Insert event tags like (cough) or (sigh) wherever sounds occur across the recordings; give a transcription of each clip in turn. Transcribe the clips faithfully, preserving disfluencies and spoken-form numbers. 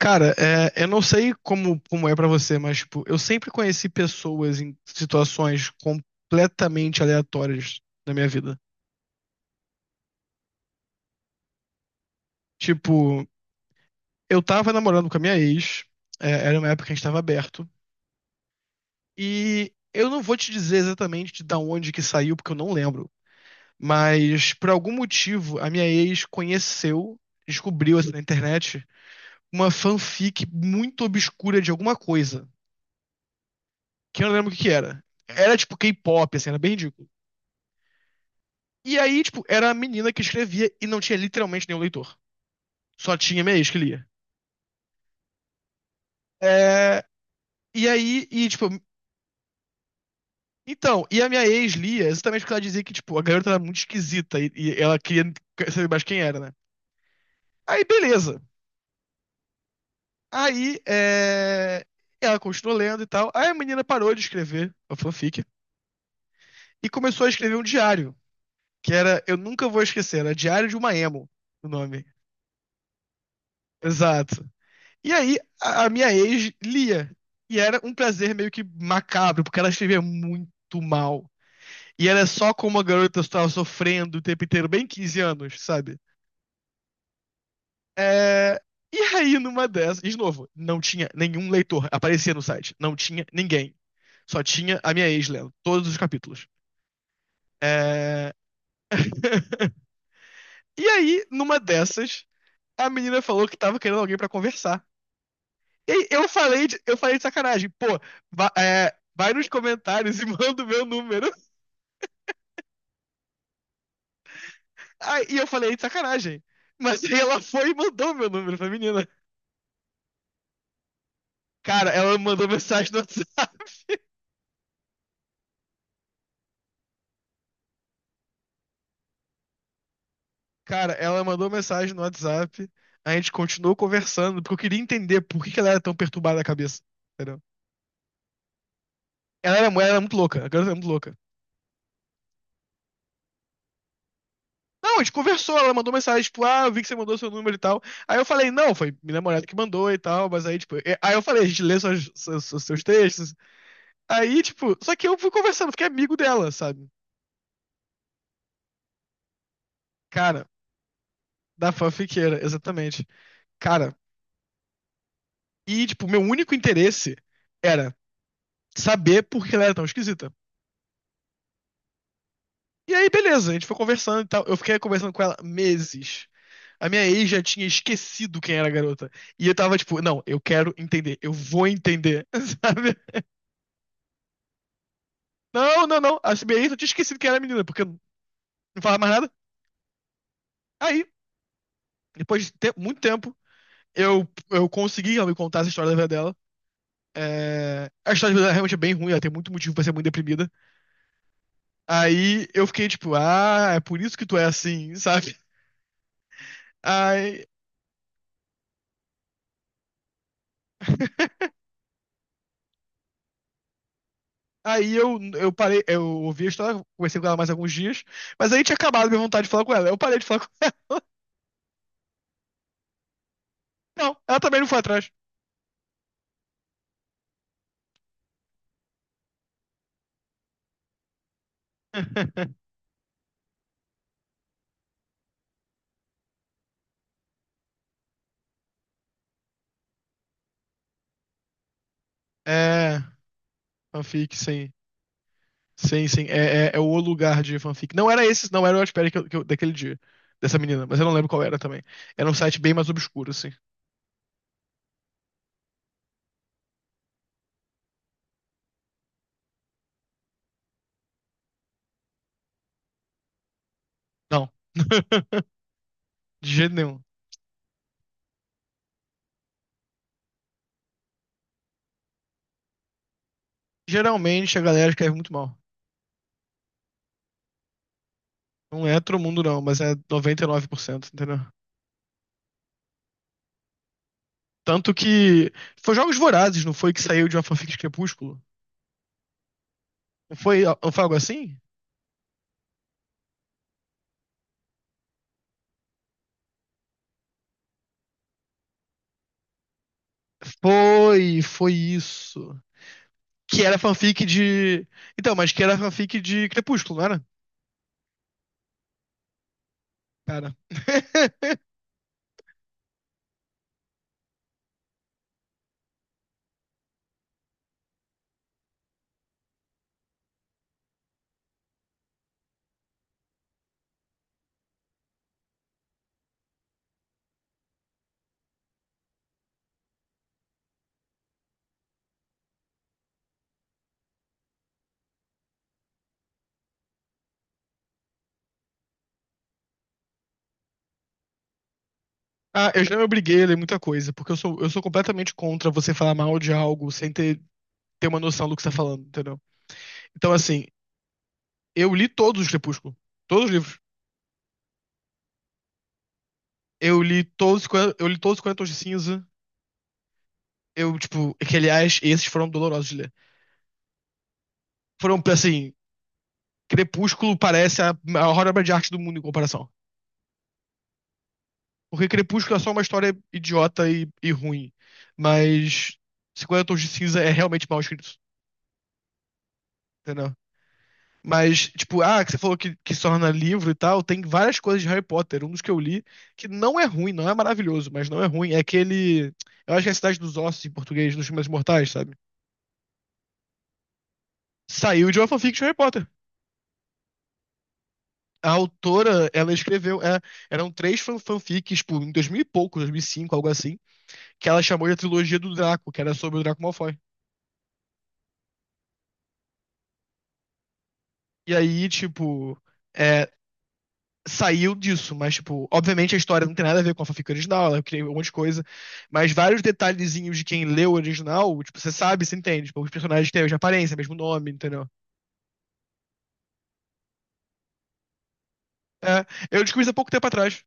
Cara, é, eu não sei como, como é pra você, mas tipo, eu sempre conheci pessoas em situações completamente aleatórias na minha vida. Tipo, eu tava namorando com a minha ex, é, era uma época que a gente tava aberto, e eu não vou te dizer exatamente de da onde que saiu, porque eu não lembro, mas por algum motivo a minha ex conheceu, descobriu assim, na internet, uma fanfic muito obscura de alguma coisa, que eu não lembro o que que era. Era tipo K-pop, assim, era bem ridículo. E aí, tipo, era a menina que escrevia e não tinha literalmente nenhum leitor. Só tinha minha ex que lia. É, e aí, e tipo, então, e a minha ex lia exatamente porque ela dizia que, tipo, a garota era muito esquisita e, e ela queria saber mais quem era, né? Aí, beleza. Aí, é, ela continuou lendo e tal. Aí a menina parou de escrever a fanfic e começou a escrever um diário, que era, eu nunca vou esquecer, era Diário de uma Emo, o nome. Exato. E aí, a a minha ex lia. E era um prazer meio que macabro, porque ela escrevia muito mal. E era só como a garota estava sofrendo o tempo inteiro, bem quinze anos, sabe? É, E aí, numa dessas, e de novo, não tinha nenhum leitor, aparecia no site, não tinha ninguém. Só tinha a minha ex lendo todos os capítulos. É, (laughs) E aí, numa dessas, a menina falou que tava querendo alguém pra conversar. E Eu falei de, eu falei de sacanagem. Pô, va- é, vai nos comentários (laughs) e manda o meu número. Aí, e eu falei de sacanagem. Mas aí ela foi e mandou o meu número pra menina. Cara, ela mandou mensagem no WhatsApp. (laughs) Cara, ela mandou mensagem no WhatsApp. A gente continuou conversando, porque eu queria entender por que que ela era tão perturbada da cabeça. Entendeu? Ela era, ela era muito louca, a garota era muito louca. Não, a gente conversou, ela mandou mensagem, tipo, ah, eu vi que você mandou seu número e tal. Aí eu falei, não, foi minha namorada que mandou e tal, mas aí, tipo, é- aí eu falei, a gente lê seus, seus, seus textos. Aí, tipo, só que eu fui conversando, fiquei amigo dela, sabe? Cara, da fanfiqueira, exatamente. Cara, e, tipo, meu único interesse era saber por que ela era tão esquisita. E aí, beleza, a gente foi conversando e tal. Eu fiquei conversando com ela meses. A minha ex já tinha esquecido quem era a garota. E eu tava tipo, não, eu quero entender, eu vou entender, (laughs) sabe? Não, não, não. A minha ex eu tinha esquecido quem era a menina, porque não falava mais nada. Aí, depois de te- muito tempo, eu, eu consegui ela me contar essa história da vida dela. É, A história dela realmente é bem ruim, ela tem muito motivo pra ser muito deprimida. Aí eu fiquei tipo, ah, é por isso que tu é assim, (laughs) sabe? Aí, aí eu, eu parei, eu ouvi a história, conversei com ela mais alguns dias, mas aí tinha acabado minha vontade de falar com ela. Eu parei de falar com ela. (laughs) Não, ela também não foi atrás. (laughs) É, Fanfic, sim. Sim, sim. É, é, é o lugar de fanfic. Não era esse, não era o Wattpad, que eu- que eu- daquele dia, dessa menina, mas eu não lembro qual era também. Era um site bem mais obscuro, assim. Não. (laughs) De jeito nenhum. Geralmente a galera escreve muito mal. Não é todo mundo, não, mas é noventa e nove por cento, entendeu? Tanto que. Foi Jogos Vorazes, não foi que saiu de uma fanfic de Crepúsculo? Não foi, não foi algo assim? Foi, foi isso. Que era fanfic de. Então, mas que era fanfic de Crepúsculo, não era? Cara. (laughs) Ah, eu já me obriguei a ler muita coisa, porque eu sou, eu sou completamente contra você falar mal de algo sem ter, ter uma noção do que você tá falando, entendeu? Então, assim, eu li todos os Crepúsculo. Todos os livros. Eu li todos, os 40 eu li todos os quarenta Tons de Cinza. Eu, tipo, que aliás, esses foram dolorosos de ler. Foram, assim, Crepúsculo parece a maior obra de arte do mundo em comparação. Porque Crepúsculo é só uma história idiota e, e ruim. Mas cinquenta Tons de Cinza é realmente mal escrito, entendeu? Mas, tipo, ah, que você falou que, que se torna livro e tal, tem várias coisas de Harry Potter. Um dos que eu li, que não é ruim, não é maravilhoso, mas não é ruim. É aquele. Eu acho que é a Cidade dos Ossos em português, nos filmes mortais, sabe? Saiu de uma fanfic de Harry Potter. A autora, ela escreveu, é, eram três fan- fanfics, tipo, em dois mil e pouco, dois mil e cinco, algo assim, que ela chamou de a trilogia do Draco, que era sobre o Draco Malfoy. E aí, tipo, é, saiu disso, mas, tipo, obviamente a história não tem nada a ver com a fanfic original, ela criou um monte de coisa, mas vários detalhezinhos de quem leu o original, tipo, você sabe, você entende, tipo, os personagens têm a mesma aparência, mesmo nome, entendeu? É, eu descobri isso há pouco tempo atrás.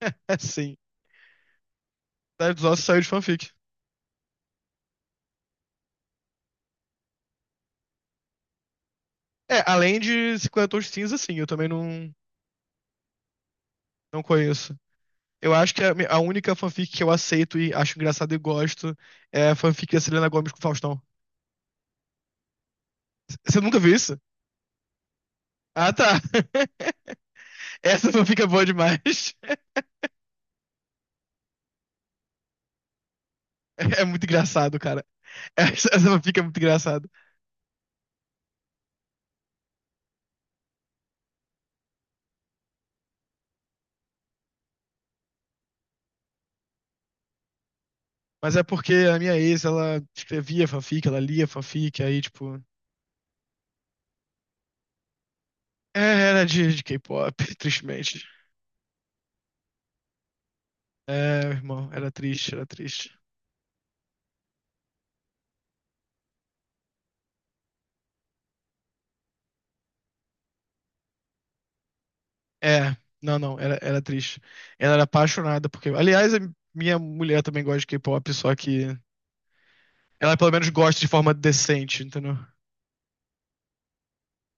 (laughs) É, Sim. Cidade dos Ossos saiu de fanfic. É, além de cinquenta Tons de Cinza, sim, eu também não, não conheço. Eu acho que a, mi- a única fanfic que eu aceito e acho engraçado e gosto é a fanfic da Selena Gomez com o Faustão. Você nunca viu isso? Ah, tá. (laughs) Essa fanfic é boa demais. (laughs) É muito engraçado, cara. Essa, essa fanfic é muito engraçado. Mas é porque a minha ex, ela escrevia fanfic, ela lia fanfic, aí, tipo. É, era de, de K-pop, (laughs) tristemente. É, meu irmão, era triste, era triste. É, não, não, era, era triste. Ela era apaixonada porque. Aliás, a minha mulher também gosta de K-pop, só que ela pelo menos gosta de forma decente, entendeu?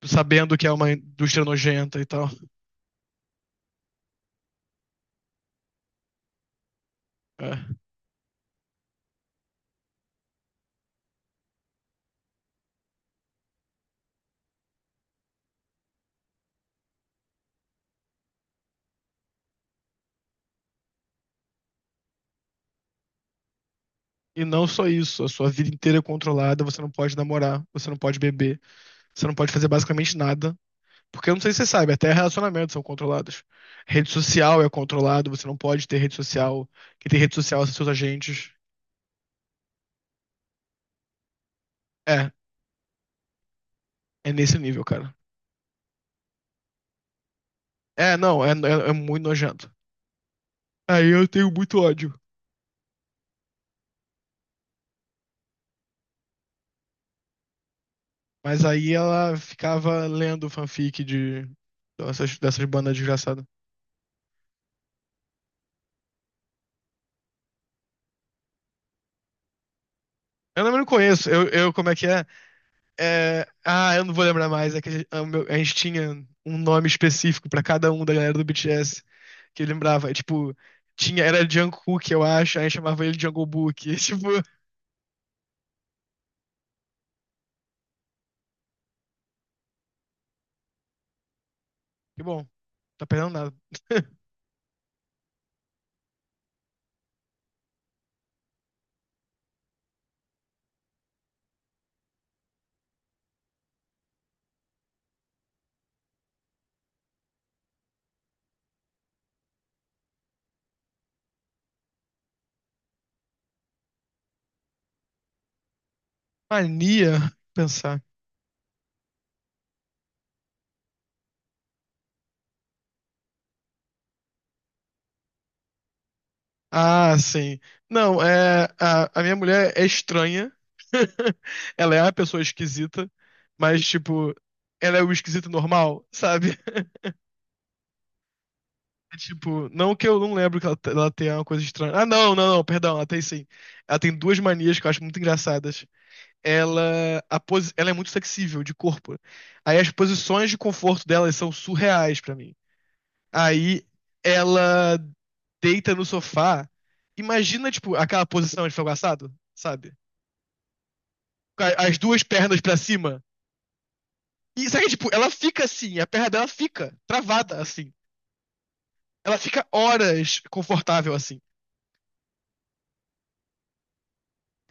Sabendo que é uma indústria nojenta e tal. É. E não só isso, a sua vida inteira é controlada, você não pode namorar, você não pode beber, você não pode fazer basicamente nada. Porque eu não sei se você sabe, até relacionamentos são controlados. Rede social é controlado, você não pode ter rede social. Quem tem rede social são seus agentes. É, É nesse nível, cara. É, não, é, é, é muito nojento. Aí eu tenho muito ódio. Mas aí ela ficava lendo fanfic de dessas, dessas bandas desgraçadas. Eu não, eu não conheço. Eu, eu, como é que é? É, Ah, eu não vou lembrar mais. É que a gente, a meu- a gente tinha um nome específico pra cada um da galera do B T S que eu lembrava. É, tipo, tinha, era Jungkook, eu acho. A gente chamava ele de Jungle Book. (laughs) Tipo, que bom. Tá perdendo nada. (laughs) Mania? Pensar. Ah, sim. Não, é, a, a minha mulher é estranha. (laughs) Ela é a pessoa esquisita, mas, tipo, ela é o esquisito normal, sabe? É Tipo, não que eu não lembro que ela, te- ela tenha uma coisa estranha. Ah, não, não, não, perdão, ela tem sim. Ela tem duas manias que eu acho muito engraçadas. Ela, a posi... ela é muito flexível de corpo. Aí as posições de conforto dela são surreais pra mim. Aí ela deita no sofá. Imagina, tipo, aquela posição de frango assado, sabe? Com a- As duas pernas pra cima. E sabe, tipo, ela fica assim, a perna dela fica travada assim. Ela fica horas confortável assim.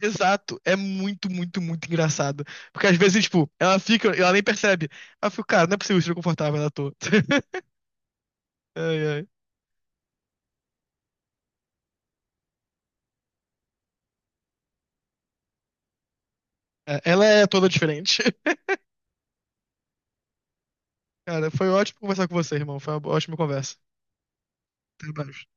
Exato, é muito, muito, muito engraçado. Porque às vezes, tipo, ela fica, ela nem percebe. Ela fica, cara, não é possível ser confortável na toa. (laughs) Ai, ai. É, Ela é toda diferente. (laughs) Cara, foi ótimo conversar com você, irmão. Foi uma ótima conversa. Até mais.